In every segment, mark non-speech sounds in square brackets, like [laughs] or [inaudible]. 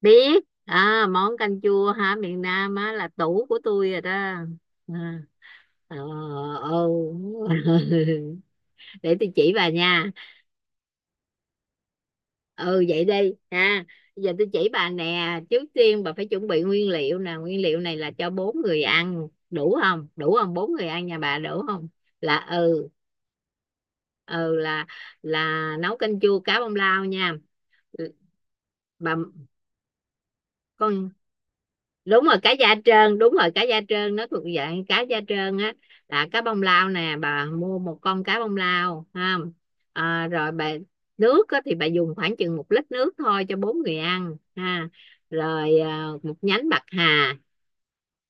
Biết. À, món canh chua hả miền Nam á là tủ của tôi rồi đó. À, ờ, ừ. [laughs] Để tôi chỉ bà nha. Ừ, vậy đi ha. Giờ tôi chỉ bà nè. Trước tiên bà phải chuẩn bị nguyên liệu nè. Nguyên liệu này là cho bốn người ăn, đủ không? Đủ không? Bốn người ăn nhà bà đủ không? Là ừ ừ là là nấu canh chua cá bông lau nha bà. Con đúng rồi, cá da trơn, đúng rồi cá da trơn, nó thuộc dạng cá da trơn á. Là cá bông lau nè. Bà mua một con cá bông lau ha. Rồi bà, nước thì bà dùng khoảng chừng 1 lít nước thôi cho bốn người ăn ha. Rồi một nhánh bạc hà.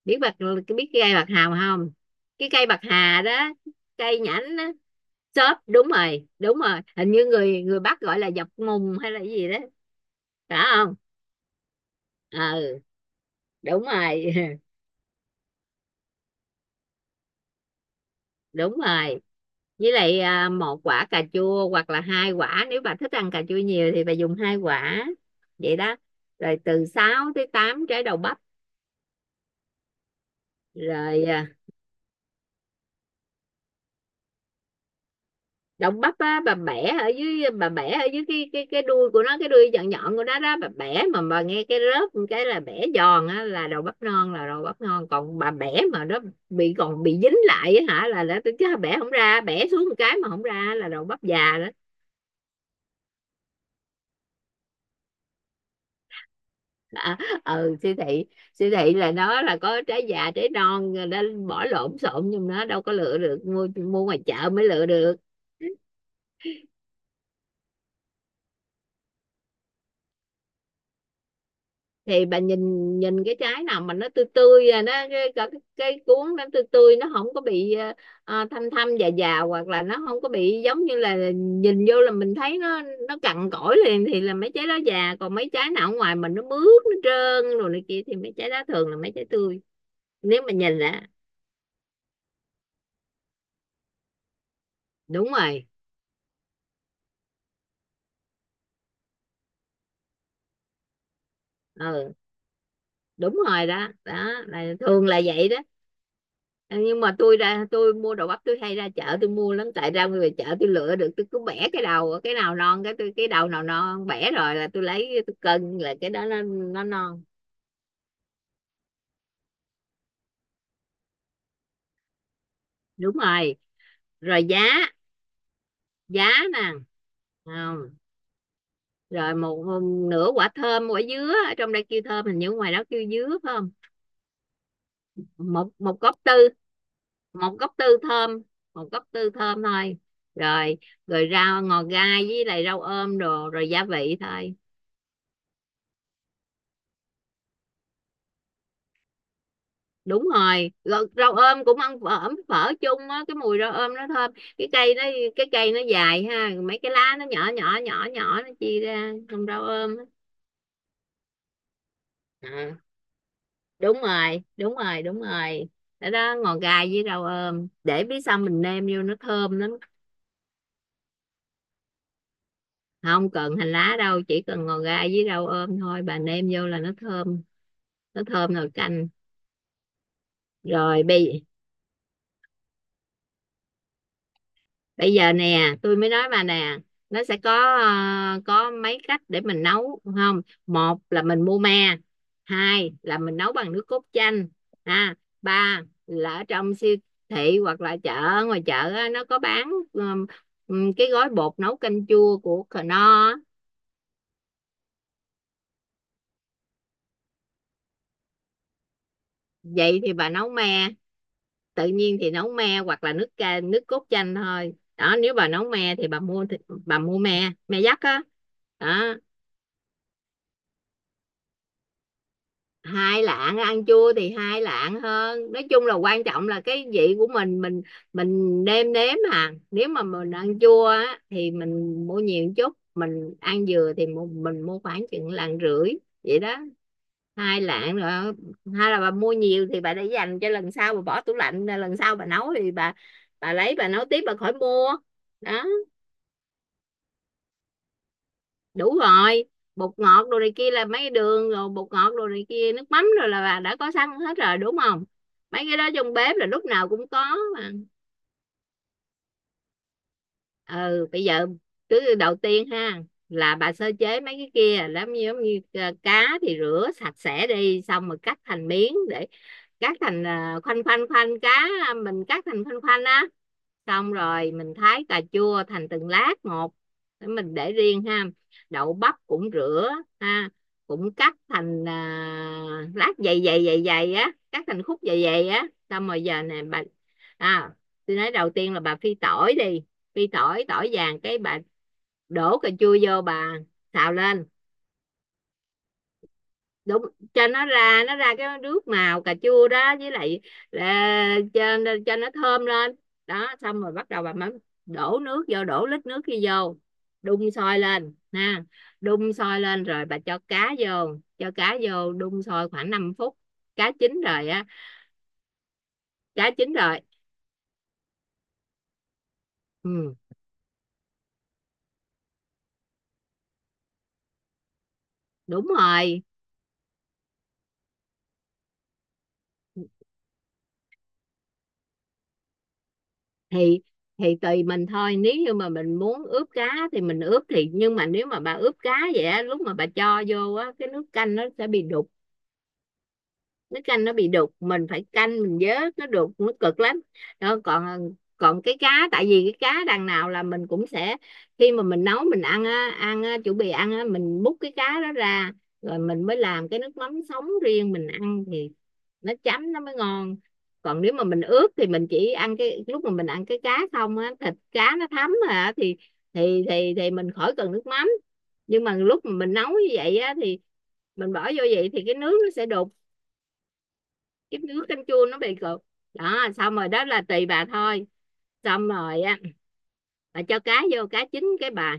biết bạc Biết cái cây bạc hà không? Cái cây bạc hà đó, cây nhãn á. Xốp, đúng rồi, đúng rồi. Hình như người người Bắc gọi là dọc mùng hay là cái gì đó, phải không? Ừ, đúng rồi. [laughs] Đúng rồi. Với lại một quả cà chua, hoặc là hai quả nếu bà thích ăn cà chua nhiều thì bà dùng hai quả, vậy đó. Rồi từ 6 tới 8 trái đậu bắp. Rồi đậu bắp bà bẻ ở dưới, bà bẻ ở dưới cái đuôi của nó, cái đuôi nhọn nhọn của nó đó. Bà bẻ mà bà nghe cái rớp một cái là bẻ giòn á, là đậu bắp non, là đậu bắp ngon. Còn bà bẻ mà nó bị, còn bị dính lại á hả, là chứ bẻ không ra, bẻ xuống một cái mà không ra là đậu bắp già đó. à, ừ, siêu thị, siêu thị là nó là có trái già trái non rồi đó, bỏ lộn xộn, nhưng nó đâu có lựa được. Mua mua ngoài chợ mới lựa được. Thì bà nhìn, nhìn cái trái nào mà nó tươi tươi, nó cái cuống nó tươi tươi, nó không có bị thâm thâm già già, hoặc là nó không có bị giống như là nhìn vô là mình thấy nó cằn cỗi liền thì là mấy trái đó già. Còn mấy trái nào ở ngoài mình nó mướt, nó trơn rồi này kia thì mấy trái đó thường là mấy trái tươi, nếu mà nhìn là. Đúng rồi, ừ, đúng rồi đó. Đó là thường là vậy đó. Nhưng mà tôi ra tôi mua đồ bắp tôi hay ra chợ tôi mua lắm, tại ra về chợ tôi lựa được, tôi cứ bẻ cái đầu cái nào non cái tôi, cái đầu nào non bẻ rồi là tôi lấy tôi cân, là cái đó nó non. Đúng rồi. Rồi giá, giá nè. Không, rồi một, một nửa quả thơm. Quả dứa ở trong đây kêu thơm, hình như ngoài đó kêu dứa phải không? Một một Cốc tư, một gốc tư thơm, một gốc tư thơm thôi. Rồi, rồi rau ngò gai với lại rau ôm đồ, rồi gia vị thôi. Đúng rồi. Rau ôm cũng ăn phở, ấm phở chung á, cái mùi rau ôm nó thơm. Cái cây nó, cái cây nó dài ha, mấy cái lá nó nhỏ nhỏ nhỏ nhỏ nó chia ra trong rau ôm á. Ờ, đúng rồi, đúng rồi, đúng rồi. Đó, đó ngò gai với rau ôm để biết xong mình nêm vô nó thơm lắm. Không cần hành lá đâu, chỉ cần ngò gai với rau ôm thôi, bà nêm vô là nó thơm, nó thơm nồi canh. Rồi bây bây giờ nè tôi mới nói bà nè. Nó sẽ có có mấy cách để mình nấu không. Một là mình mua me. Hai là mình nấu bằng nước cốt chanh ha. Ba là ở trong siêu thị hoặc là chợ, ngoài chợ nó có bán cái gói bột nấu canh chua của Knorr á. Vậy thì bà nấu me. Tự nhiên thì nấu me hoặc là nước cốt chanh thôi đó. Nếu bà nấu me thì bà mua bà mua me, me dắt á đó. 2 lạng, ăn chua thì 2 lạng hơn, nói chung là quan trọng là cái vị của mình. Mình nêm nếm. À nếu mà mình ăn chua á thì mình mua nhiều một chút, mình ăn dừa thì mình mua khoảng chừng lạng rưỡi, vậy đó. 2 lạng rồi, hay là bà mua nhiều thì bà để dành cho lần sau, bà bỏ tủ lạnh, lần sau bà nấu thì bà lấy bà nấu tiếp, bà khỏi mua. Đó. Đủ rồi. Bột ngọt đồ này kia, là mấy cái đường rồi bột ngọt đồ này kia nước mắm rồi là bà đã có sẵn hết rồi, đúng không? Mấy cái đó trong bếp là lúc nào cũng có mà. Ừ, bây giờ cứ đầu tiên ha là bà sơ chế mấy cái kia, làm như giống như cá thì rửa sạch sẽ đi, xong rồi cắt thành miếng để, cắt thành khoanh, khoanh cá, mình cắt thành khoanh khoanh á. Xong rồi mình thái cà chua thành từng lát một, để mình để riêng ha. Đậu bắp cũng rửa ha, cũng cắt thành lát dày dày á, cắt thành khúc dày dày á. Xong rồi giờ nè bà, à tôi nói đầu tiên là bà phi tỏi đi, phi tỏi, tỏi vàng cái bà đổ cà chua vô, bà xào lên. Đúng, cho nó ra, nó ra cái nước màu cà chua đó, với lại là, cho nó thơm lên đó. Xong rồi bắt đầu bà mới đổ nước vô, đổ lít nước kia vô đun sôi lên ha, đun sôi lên rồi bà cho cá vô. Cho cá vô đun sôi khoảng 5 phút, cá chín rồi á. Cá chín rồi. Ừ, đúng rồi. Thì tùy mình thôi, nếu như mà mình muốn ướp cá thì mình ướp thì, nhưng mà nếu mà bà ướp cá vậy á, lúc mà bà cho vô á cái nước canh nó sẽ bị đục. Nước canh nó bị đục mình phải canh mình vớt, nó đục nó cực lắm. Đó, còn, còn cái cá tại vì cái cá đằng nào là mình cũng sẽ, khi mà mình nấu mình ăn á, chuẩn bị ăn á, mình múc cái cá đó ra, rồi mình mới làm cái nước mắm sống riêng mình ăn, thì nó chấm nó mới ngon. Còn nếu mà mình ướp thì mình chỉ ăn cái lúc mà mình ăn cái cá không á, thịt cá nó thấm, à thì mình khỏi cần nước mắm. Nhưng mà lúc mà mình nấu như vậy á thì mình bỏ vô vậy thì cái nước nó sẽ đục, cái nước canh chua nó bị cục. Đó, xong rồi đó là tùy bà thôi. Xong rồi á, bà cho cá vô, cá chín cái bà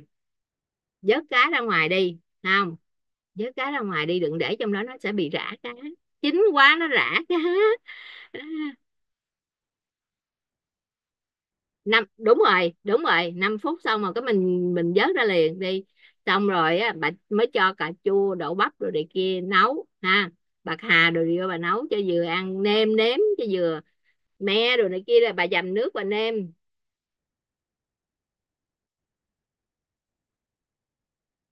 vớt cá ra ngoài đi, không vớt cá ra ngoài đi đừng để trong đó nó sẽ bị rã cá, chín quá nó rã cá. Năm, đúng rồi, đúng rồi, 5 phút xong rồi cái mình, vớt ra liền đi. Xong rồi á bà mới cho cà chua, đậu bắp rồi này kia nấu ha, bạc hà rồi vô bà nấu cho vừa ăn, nêm nếm cho vừa, me rồi này kia là bà dầm nước bà nêm.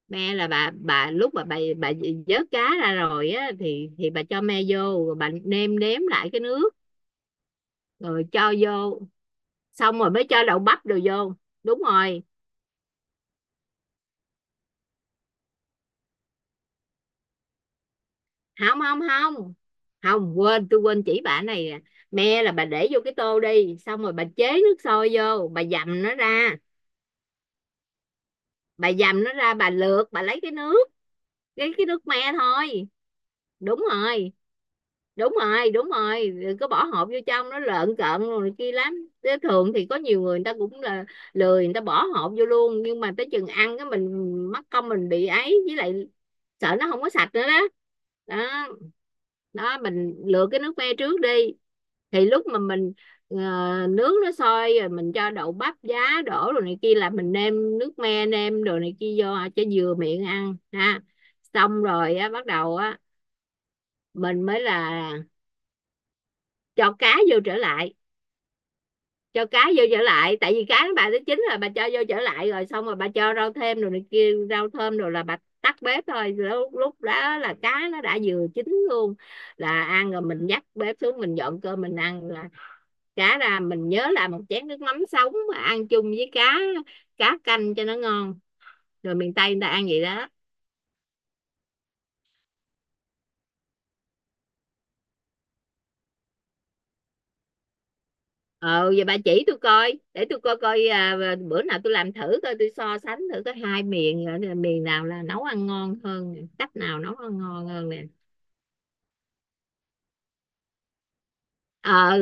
Me là bà, lúc mà bà vớt cá ra rồi á thì bà cho me vô rồi bà nêm nếm lại cái nước, rồi cho vô. Xong rồi mới cho đậu bắp đồ vô. Đúng rồi. Không không không Không, quên, tôi quên chỉ bà này nè. Me là bà để vô cái tô đi, xong rồi bà chế nước sôi vô bà dầm nó ra. Bà dầm nó ra, bà lượt bà lấy cái nước, cái nước me thôi. Đúng rồi, đúng rồi, đúng rồi, đừng có bỏ hộp vô trong nó lợn cợn rồi này kia lắm. Thế thường thì có nhiều người người ta cũng là lười, người ta bỏ hộp vô luôn, nhưng mà tới chừng ăn cái mình mất công mình bị ấy, với lại sợ nó không có sạch nữa đó. Đó, đó mình lựa cái nước me trước đi, thì lúc mà mình ờ, nướng nó sôi rồi mình cho đậu bắp giá đổ rồi này kia, là mình nêm nước me nêm đồ này kia vô cho vừa miệng ăn ha. Xong rồi á bắt đầu á, mình mới là cho cá vô trở lại. Cho cá vô trở lại tại vì cá bà tới chín rồi, bà cho vô trở lại rồi xong rồi bà cho rau thêm rồi này kia, rau thơm rồi là bà tắt bếp thôi. Lúc lúc đó là cá nó đã vừa chín luôn, là ăn rồi, mình dắt bếp xuống mình dọn cơm mình ăn là cá ra mình nhớ làm một chén nước mắm sống mà ăn chung với cá, cá canh cho nó ngon. Rồi miền Tây người ta ăn vậy đó. Ờ, vậy bà chỉ tôi coi để tôi coi coi bữa nào tôi làm thử coi, tôi so sánh thử có hai miền, miền nào là nấu ăn ngon hơn, cách nào nấu ăn ngon hơn nè. Ờ.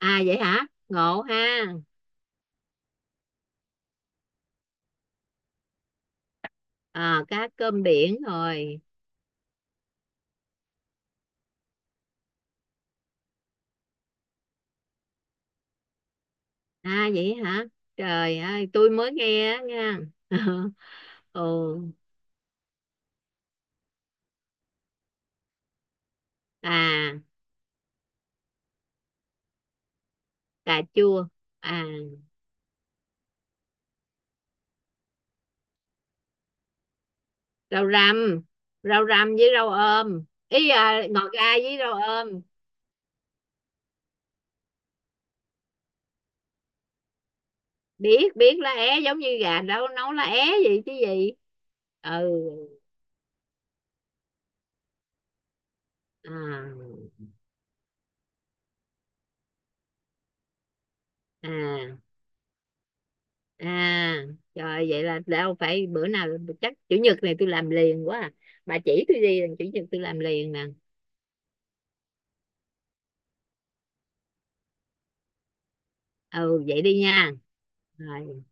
À vậy hả, ngộ ha. Ờ, cá cơm biển rồi. À vậy hả, trời ơi tôi mới nghe á nha. [laughs] Ừ. À. Cà chua. À. Rau răm, với rau ôm ý, à ngò gai với rau ôm. Biết, biết lá é, giống như gà đâu nấu lá é gì chứ gì. Ừ. À, à, à, trời, vậy là đâu phải bữa nào, chắc chủ nhật này tôi làm liền quá à. Bà chỉ tôi đi, chủ nhật tôi làm liền nè. Ừ, vậy đi nha. Rồi.